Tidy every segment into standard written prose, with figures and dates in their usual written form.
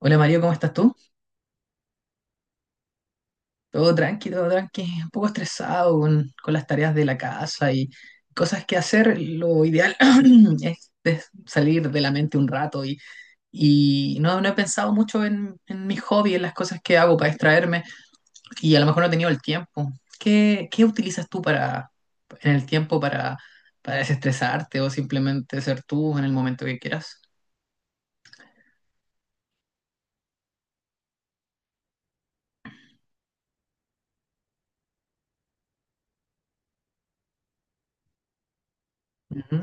Hola Mario, ¿cómo estás tú? Todo tranqui, un poco estresado con las tareas de la casa y cosas que hacer. Lo ideal es salir de la mente un rato y no he pensado mucho en mi hobby, en las cosas que hago para distraerme y a lo mejor no he tenido el tiempo. ¿Qué utilizas tú para, en el tiempo para desestresarte o simplemente ser tú en el momento que quieras? Ujú,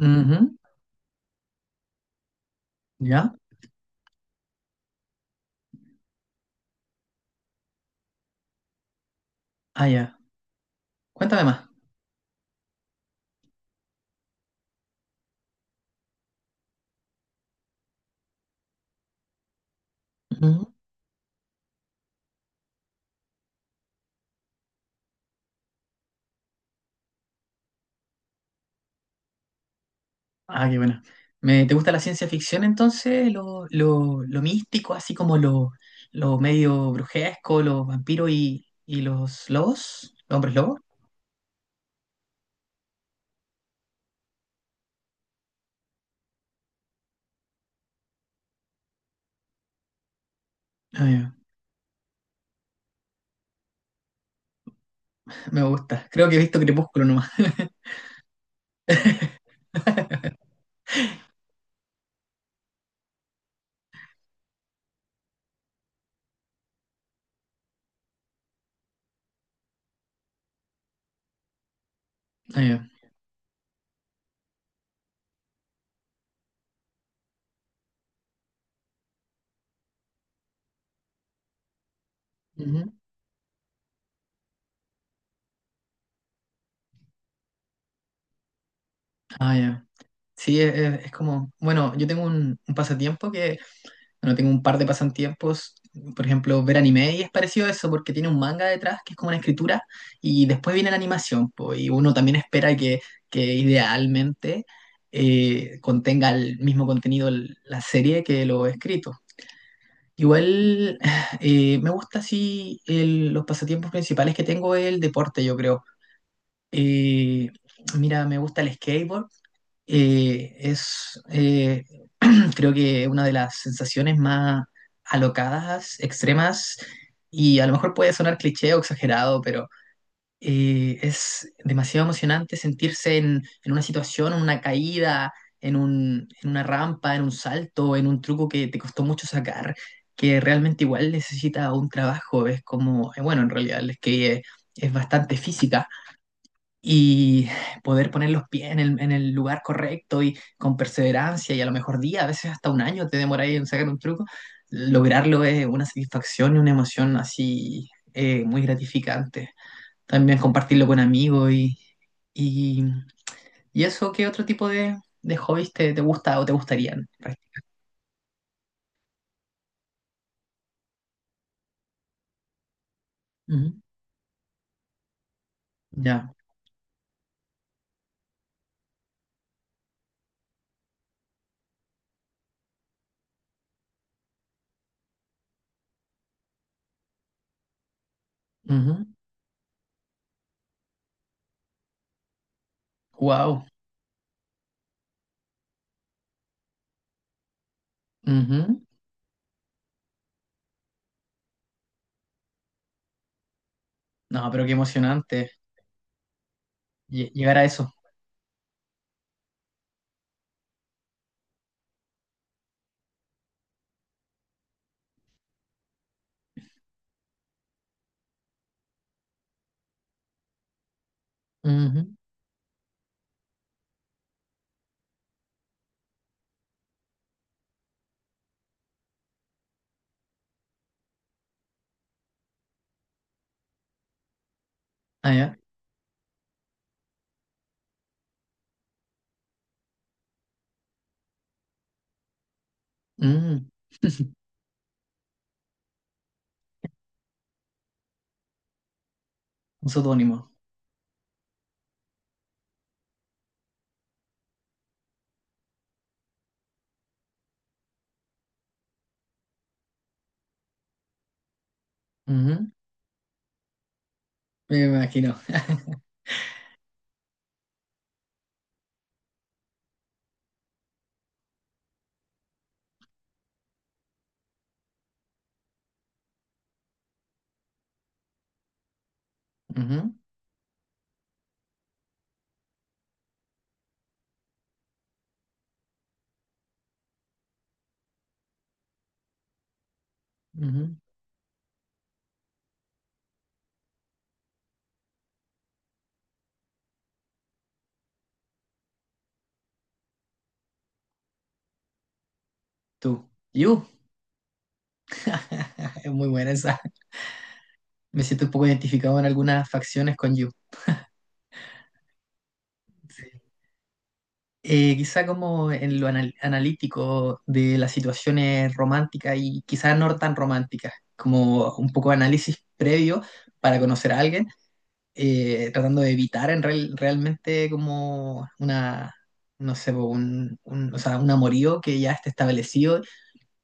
ujú. ¿Ya? Ah, ya. Cuéntame más. Ah, qué bueno. ¿Te gusta la ciencia ficción entonces? Lo místico, así como lo medio brujesco, los vampiros y los lobos, los hombres lobos. Ah, ya. Me gusta. Creo que he visto Crepúsculo nomás. Ah, ya. Ujú. Ah, ya. Sí, es como, bueno, yo tengo un pasatiempo que bueno, tengo un par de pasatiempos. Por ejemplo, ver anime y es parecido a eso porque tiene un manga detrás que es como una escritura y después viene la animación. Po, y uno también espera que idealmente contenga el mismo contenido la serie que lo escrito. Igual Me gusta así los pasatiempos principales que tengo es el deporte, yo creo. Eh, mira, me gusta el skateboard, eh, es, eh, creo que una de las sensaciones más alocadas, extremas, y a lo mejor puede sonar cliché o exagerado, pero es demasiado emocionante sentirse en una situación, en una caída, en una rampa, en un salto, en un truco que te costó mucho sacar, que realmente igual necesita un trabajo. Es como, bueno, en realidad el skate es bastante física y poder poner los pies en el lugar correcto y con perseverancia y a lo mejor a veces hasta un año te demoráis en sacar un truco, lograrlo es una satisfacción y una emoción así, muy gratificante. También compartirlo con amigos y, y, y eso. ¿Qué otro tipo de hobbies te gusta o te gustarían practicar? Ujú. Ya. Wow. No, pero qué emocionante llegar a eso. Ujú. Ah, ya. Mm. Un pseudónimo. Ujú. Me imagino. Ujú, ujú. Tú. You. Es muy buena esa. Me siento un poco identificado en algunas facciones con you. Sí. Quizá como en lo analítico de las situaciones románticas y quizás no tan románticas, como un poco de análisis previo para conocer a alguien, tratando de evitar realmente como una, no sé, po, o sea, un amorío que ya esté establecido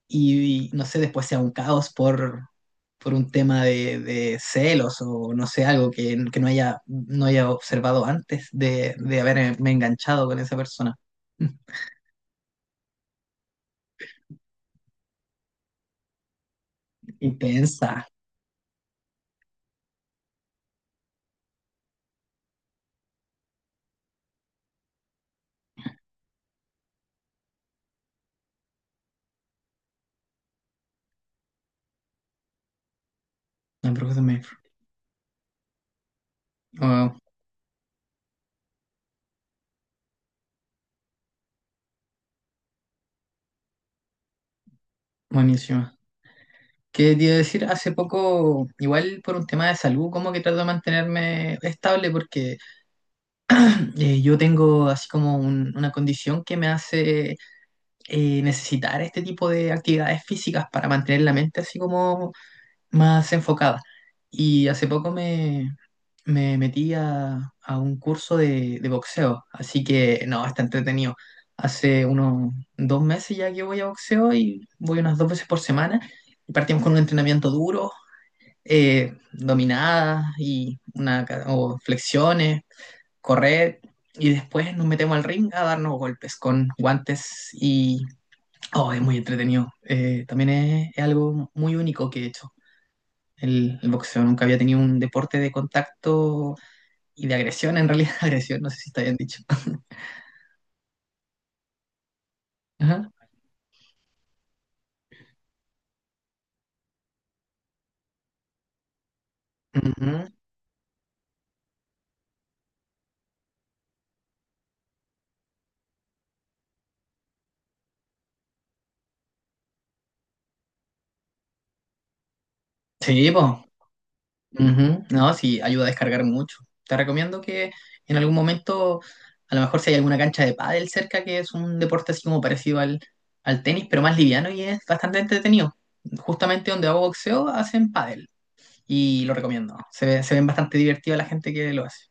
y, no sé, después sea un caos por, un tema de celos o no sé, algo que, no haya observado antes de haberme enganchado con esa persona. Intensa. La bruja de. Wow, buenísima. ¿Qué te iba a decir? Hace poco, igual por un tema de salud, como que trato de mantenerme estable porque yo tengo así como una condición que me hace necesitar este tipo de actividades físicas para mantener la mente así como más enfocada. Y hace poco me, metí a un curso de boxeo, así que no, está entretenido. Hace unos 2 meses ya que voy a boxeo y voy unas dos veces por semana. Y partimos con un entrenamiento duro, dominadas y o flexiones, correr. Y después nos metemos al ring a darnos golpes con guantes y... Oh, es muy entretenido. También es algo muy único que he hecho el boxeo. Nunca había tenido un deporte de contacto y de agresión, en realidad, agresión, no sé si está bien dicho. Ajá. Ujú. Sí, pues. No, sí, ayuda a descargar mucho. Te recomiendo que en algún momento, a lo mejor si hay alguna cancha de pádel cerca, que es un deporte así como parecido al tenis, pero más liviano y es bastante entretenido. Justamente donde hago boxeo hacen pádel y lo recomiendo. Se ven bastante divertidos la gente que lo hace.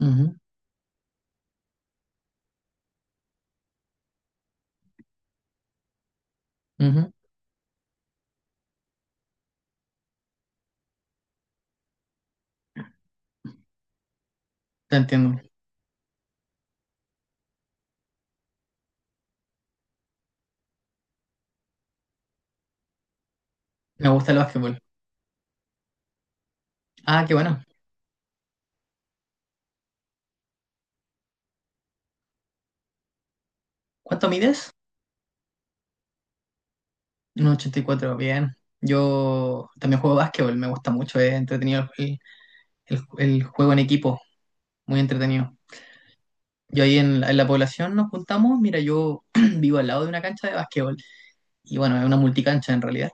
Ujú, ujú. Te entiendo. Me gusta el básquetbol. Ah, qué bueno. ¿Cuánto mides? 1,84, bien. Yo también juego básquetbol, me gusta mucho, es entretenido el, el juego en equipo, muy entretenido. Yo ahí en la, población nos juntamos, mira, yo vivo al lado de una cancha de básquetbol, y bueno, es una multicancha en realidad,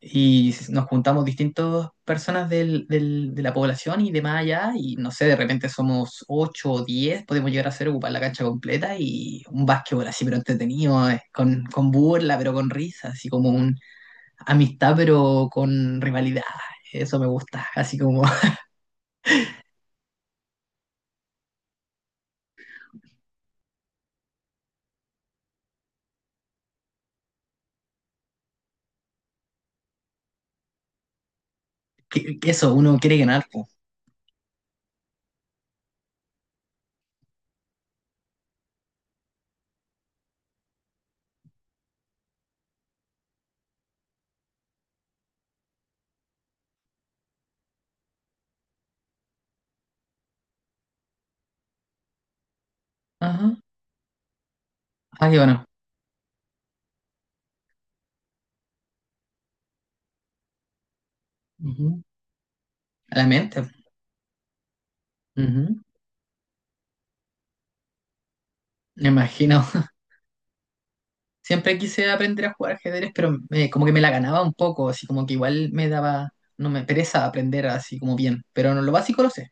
y nos juntamos distintas personas de la población y de más allá, y no sé, de repente somos 8 o 10, podemos llegar a hacer ocupar la cancha completa y un básquetbol así, pero entretenido, con, burla, pero con risa, así como un amistad, pero con rivalidad. Eso me gusta. Así como que eso, uno quiere ganar. Po. Ajá. Ah, qué bueno. Ujú. A la mente. Ujú. Me imagino. Siempre quise aprender a jugar ajedrez, pero como que me la ganaba un poco, así como que igual me daba, no me pereza aprender así como bien, pero no, lo básico lo sé.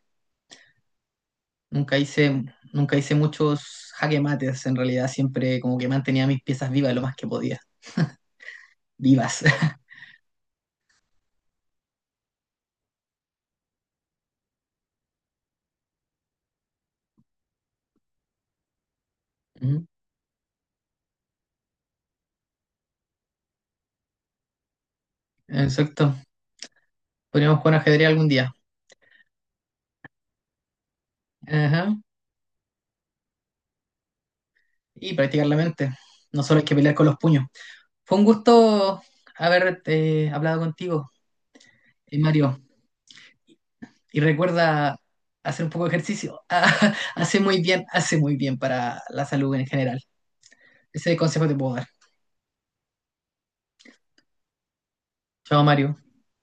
Nunca hice, nunca hice muchos jaque mates, en realidad siempre como que mantenía mis piezas vivas lo más que podía. Vivas. Ujú. Exacto. Podríamos jugar ajedrez algún día. Ajá. Y practicar la mente. No solo hay que pelear con los puños. Fue un gusto haber hablado contigo, Mario. Y recuerda hacer un poco de ejercicio. Hace muy bien, hace muy bien para la salud en general. Ese consejo te puedo dar. Chao, Mario.